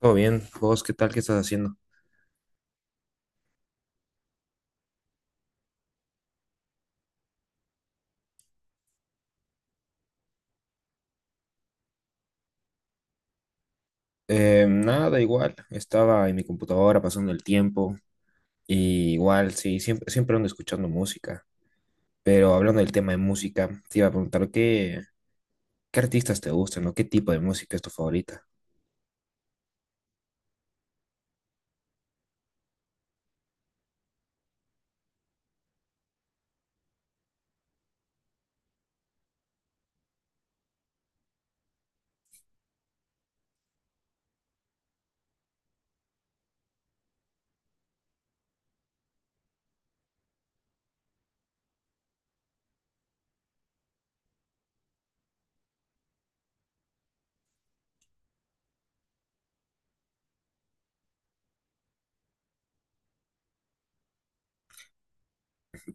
Todo bien, vos, ¿qué tal? ¿Qué estás haciendo? Nada, igual, estaba en mi computadora pasando el tiempo, y igual, sí, siempre ando escuchando música, pero hablando del tema de música, te iba a preguntar qué artistas te gustan o qué tipo de música es tu favorita.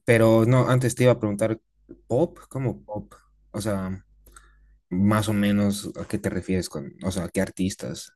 Pero no, antes te iba a preguntar, ¿pop? ¿Cómo pop? O sea, más o menos, ¿a qué te refieres con, o sea, qué artistas?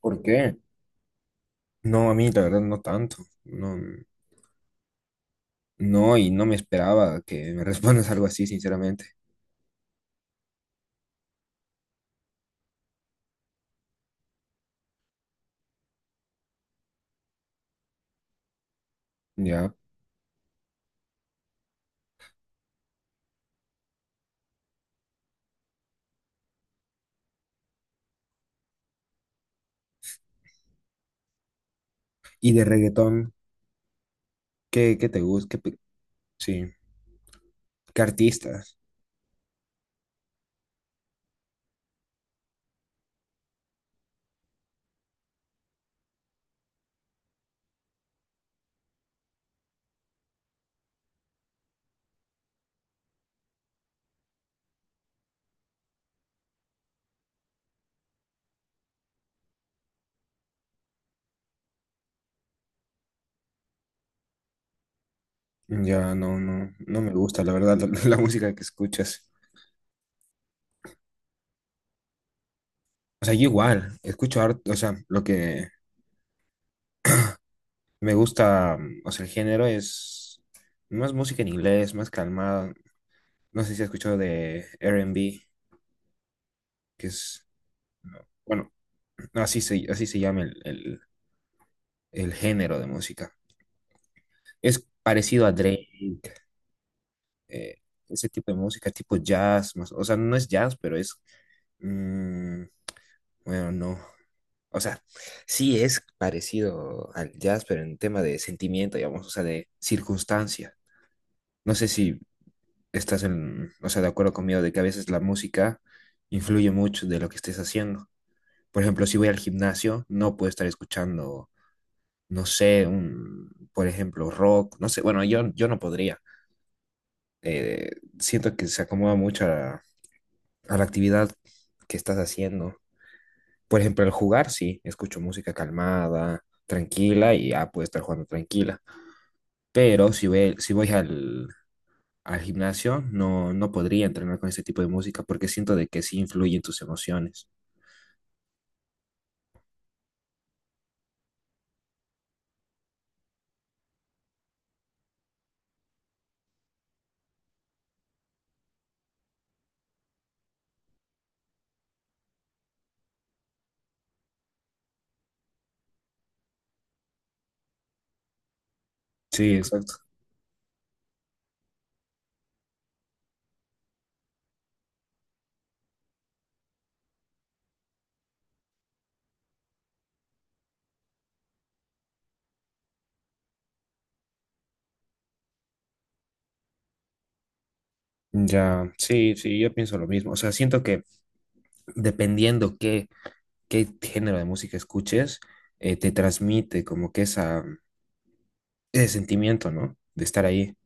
¿Por qué? No, a mí la verdad no tanto, no, no, y no me esperaba que me respondas algo así, sinceramente. Ya. Y de reggaetón, qué te gusta? Sí, ¿qué artistas? Ya no, no, no me gusta, la verdad, la música que escuchas. O sea, yo igual, escucho harto, o sea, lo que me gusta, o sea, el género es más música en inglés, más calmada. ¿No sé si has escuchado de R&B, que es, no, bueno, así así se llama el género de música. Es parecido a Drake, eh, ese tipo de música, tipo jazz, más, o sea, no es jazz, pero es, mm, bueno, no, o sea, sí es parecido al jazz, pero en tema de sentimiento, digamos, o sea, de circunstancia. No sé si estás en, o sea, de acuerdo conmigo de que a veces la música influye mucho de lo que estés haciendo. Por ejemplo, si voy al gimnasio, no puedo estar escuchando, no sé, un, por ejemplo, rock, no sé, bueno, yo no podría eh, siento que se acomoda mucho a la actividad que estás haciendo. Por ejemplo, al jugar, sí, escucho música calmada, tranquila y ya puedo estar jugando tranquila. Pero si voy al gimnasio, no, no podría entrenar con ese tipo de música porque siento de que sí influye en tus emociones. Sí, exacto. Ya, sí, sí, yo pienso lo mismo. O sea, siento que dependiendo qué género de música escuches, te transmite como que ese sentimiento, ¿no? De estar ahí.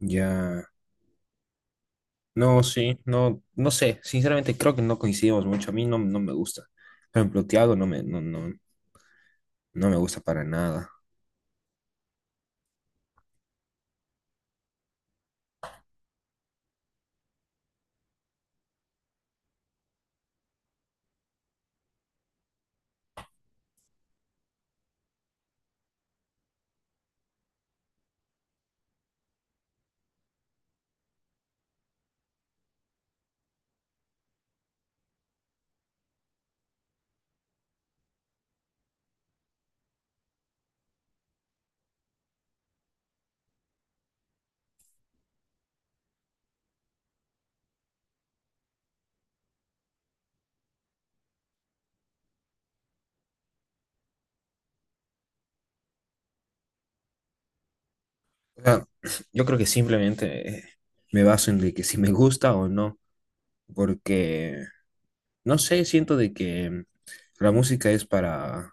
Ya. No, sí, no, no sé. Sinceramente creo que no coincidimos mucho. A mí no, no me gusta. Por ejemplo, Tiago no me, no, no, no me gusta para nada. O sea, yo creo que simplemente me baso en de que si me gusta o no. Porque, no sé, siento de que la música es para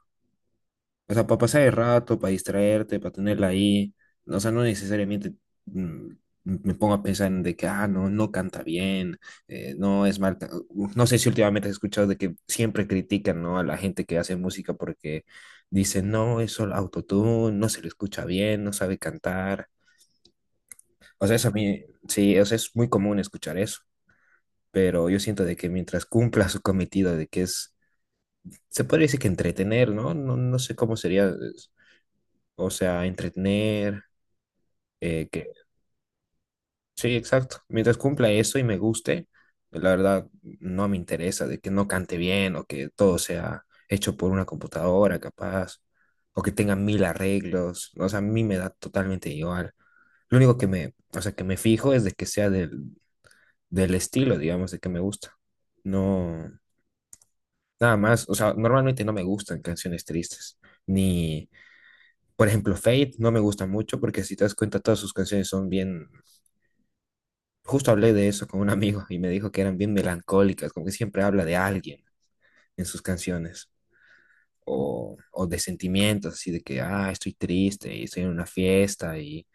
o sea, para pasar el rato, para distraerte, para tenerla ahí. O sea, no necesariamente mm, me pongo a pensar en de que, ah, no, no canta bien, no es mal. ¿No sé si últimamente has escuchado de que siempre critican, ¿no? a la gente que hace música porque dicen, no, es solo autotune, no se le escucha bien, no sabe cantar. O sea, eso a mí, sí, o sea, es muy común escuchar eso, pero yo siento de que mientras cumpla su cometido de que es, se podría decir que entretener, ¿no? No, no sé cómo sería. O sea, entretener, Eh, que, sí, exacto. Mientras cumpla eso y me guste, la verdad no me interesa de que no cante bien o que todo sea hecho por una computadora capaz o que tenga mil arreglos. O sea, a mí me da totalmente igual. Lo único que me, o sea, que me fijo es de que sea del estilo, digamos, de que me gusta. No, nada más. O sea, normalmente no me gustan canciones tristes. Ni, por ejemplo, Fate no me gusta mucho porque si te das cuenta todas sus canciones son bien justo hablé de eso con un amigo y me dijo que eran bien melancólicas, como que siempre habla de alguien en sus canciones o de sentimientos, así de que, ah, estoy triste y estoy en una fiesta y,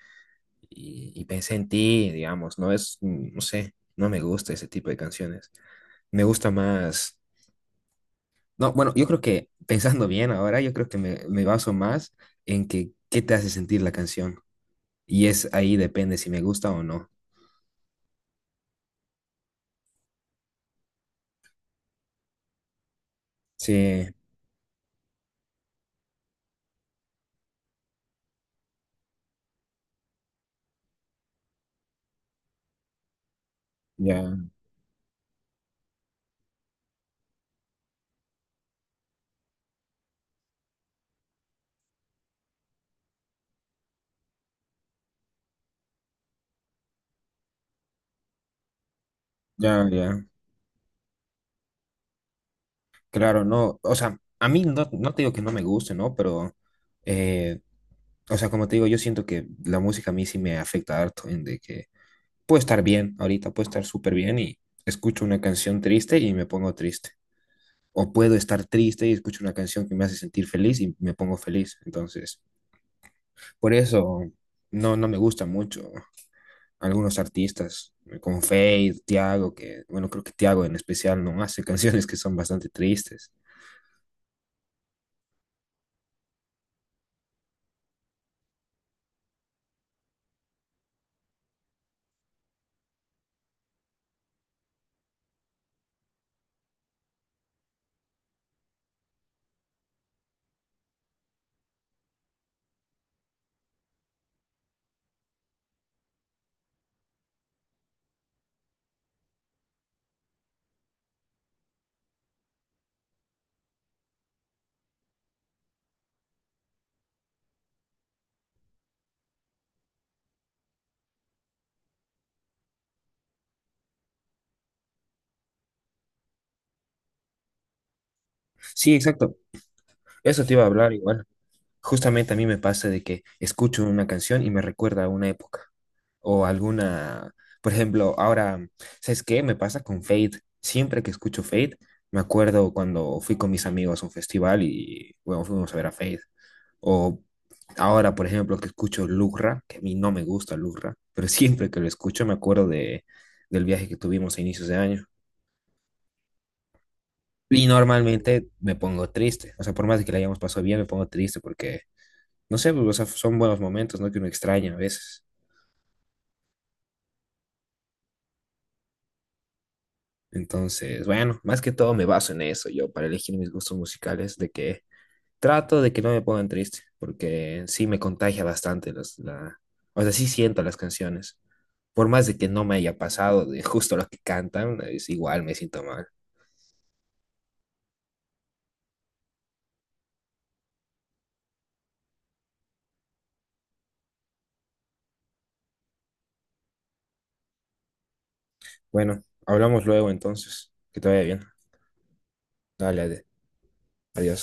y, y pensé en ti, digamos, no no sé, no me gusta ese tipo de canciones. Me gusta más, no, bueno, yo creo que pensando bien ahora, yo creo que me baso más en que qué te hace sentir la canción y es ahí depende si me gusta o no. Sí, ya, ya, ya. Claro, no, o sea, a mí no, no te digo que no me guste, ¿no? Pero, eh, o sea, como te digo, yo siento que la música a mí sí me afecta harto en de que puedo estar bien ahorita, puedo estar súper bien y escucho una canción triste y me pongo triste. O puedo estar triste y escucho una canción que me hace sentir feliz y me pongo feliz. Entonces, por eso no, no me gusta mucho algunos artistas como Feid, Tiago, que, bueno, creo que Tiago en especial no hace canciones que son bastante tristes. Sí, exacto. Eso te iba a hablar igual. Justamente a mí me pasa de que escucho una canción y me recuerda a una época o alguna, por ejemplo, ahora, ¿sabes qué? Me pasa con Fade. Siempre que escucho Fade, me acuerdo cuando fui con mis amigos a un festival y, bueno, fuimos a ver a Fade. O ahora, por ejemplo, que escucho Lugra, que a mí no me gusta Lugra, pero siempre que lo escucho me acuerdo de, del viaje que tuvimos a inicios de año. Y normalmente me pongo triste, o sea, por más de que la hayamos pasado bien, me pongo triste porque no sé, pues, o sea, son buenos momentos, ¿no? Que uno extraña a veces. Entonces, bueno, más que todo me baso en eso yo para elegir mis gustos musicales, de que trato de que no me pongan triste, porque sí me contagia bastante la, o sea, sí siento las canciones. Por más de que no me haya pasado de justo lo que cantan, es igual me siento mal. Bueno, hablamos luego entonces. Que te vaya bien. Dale, ade- Adiós.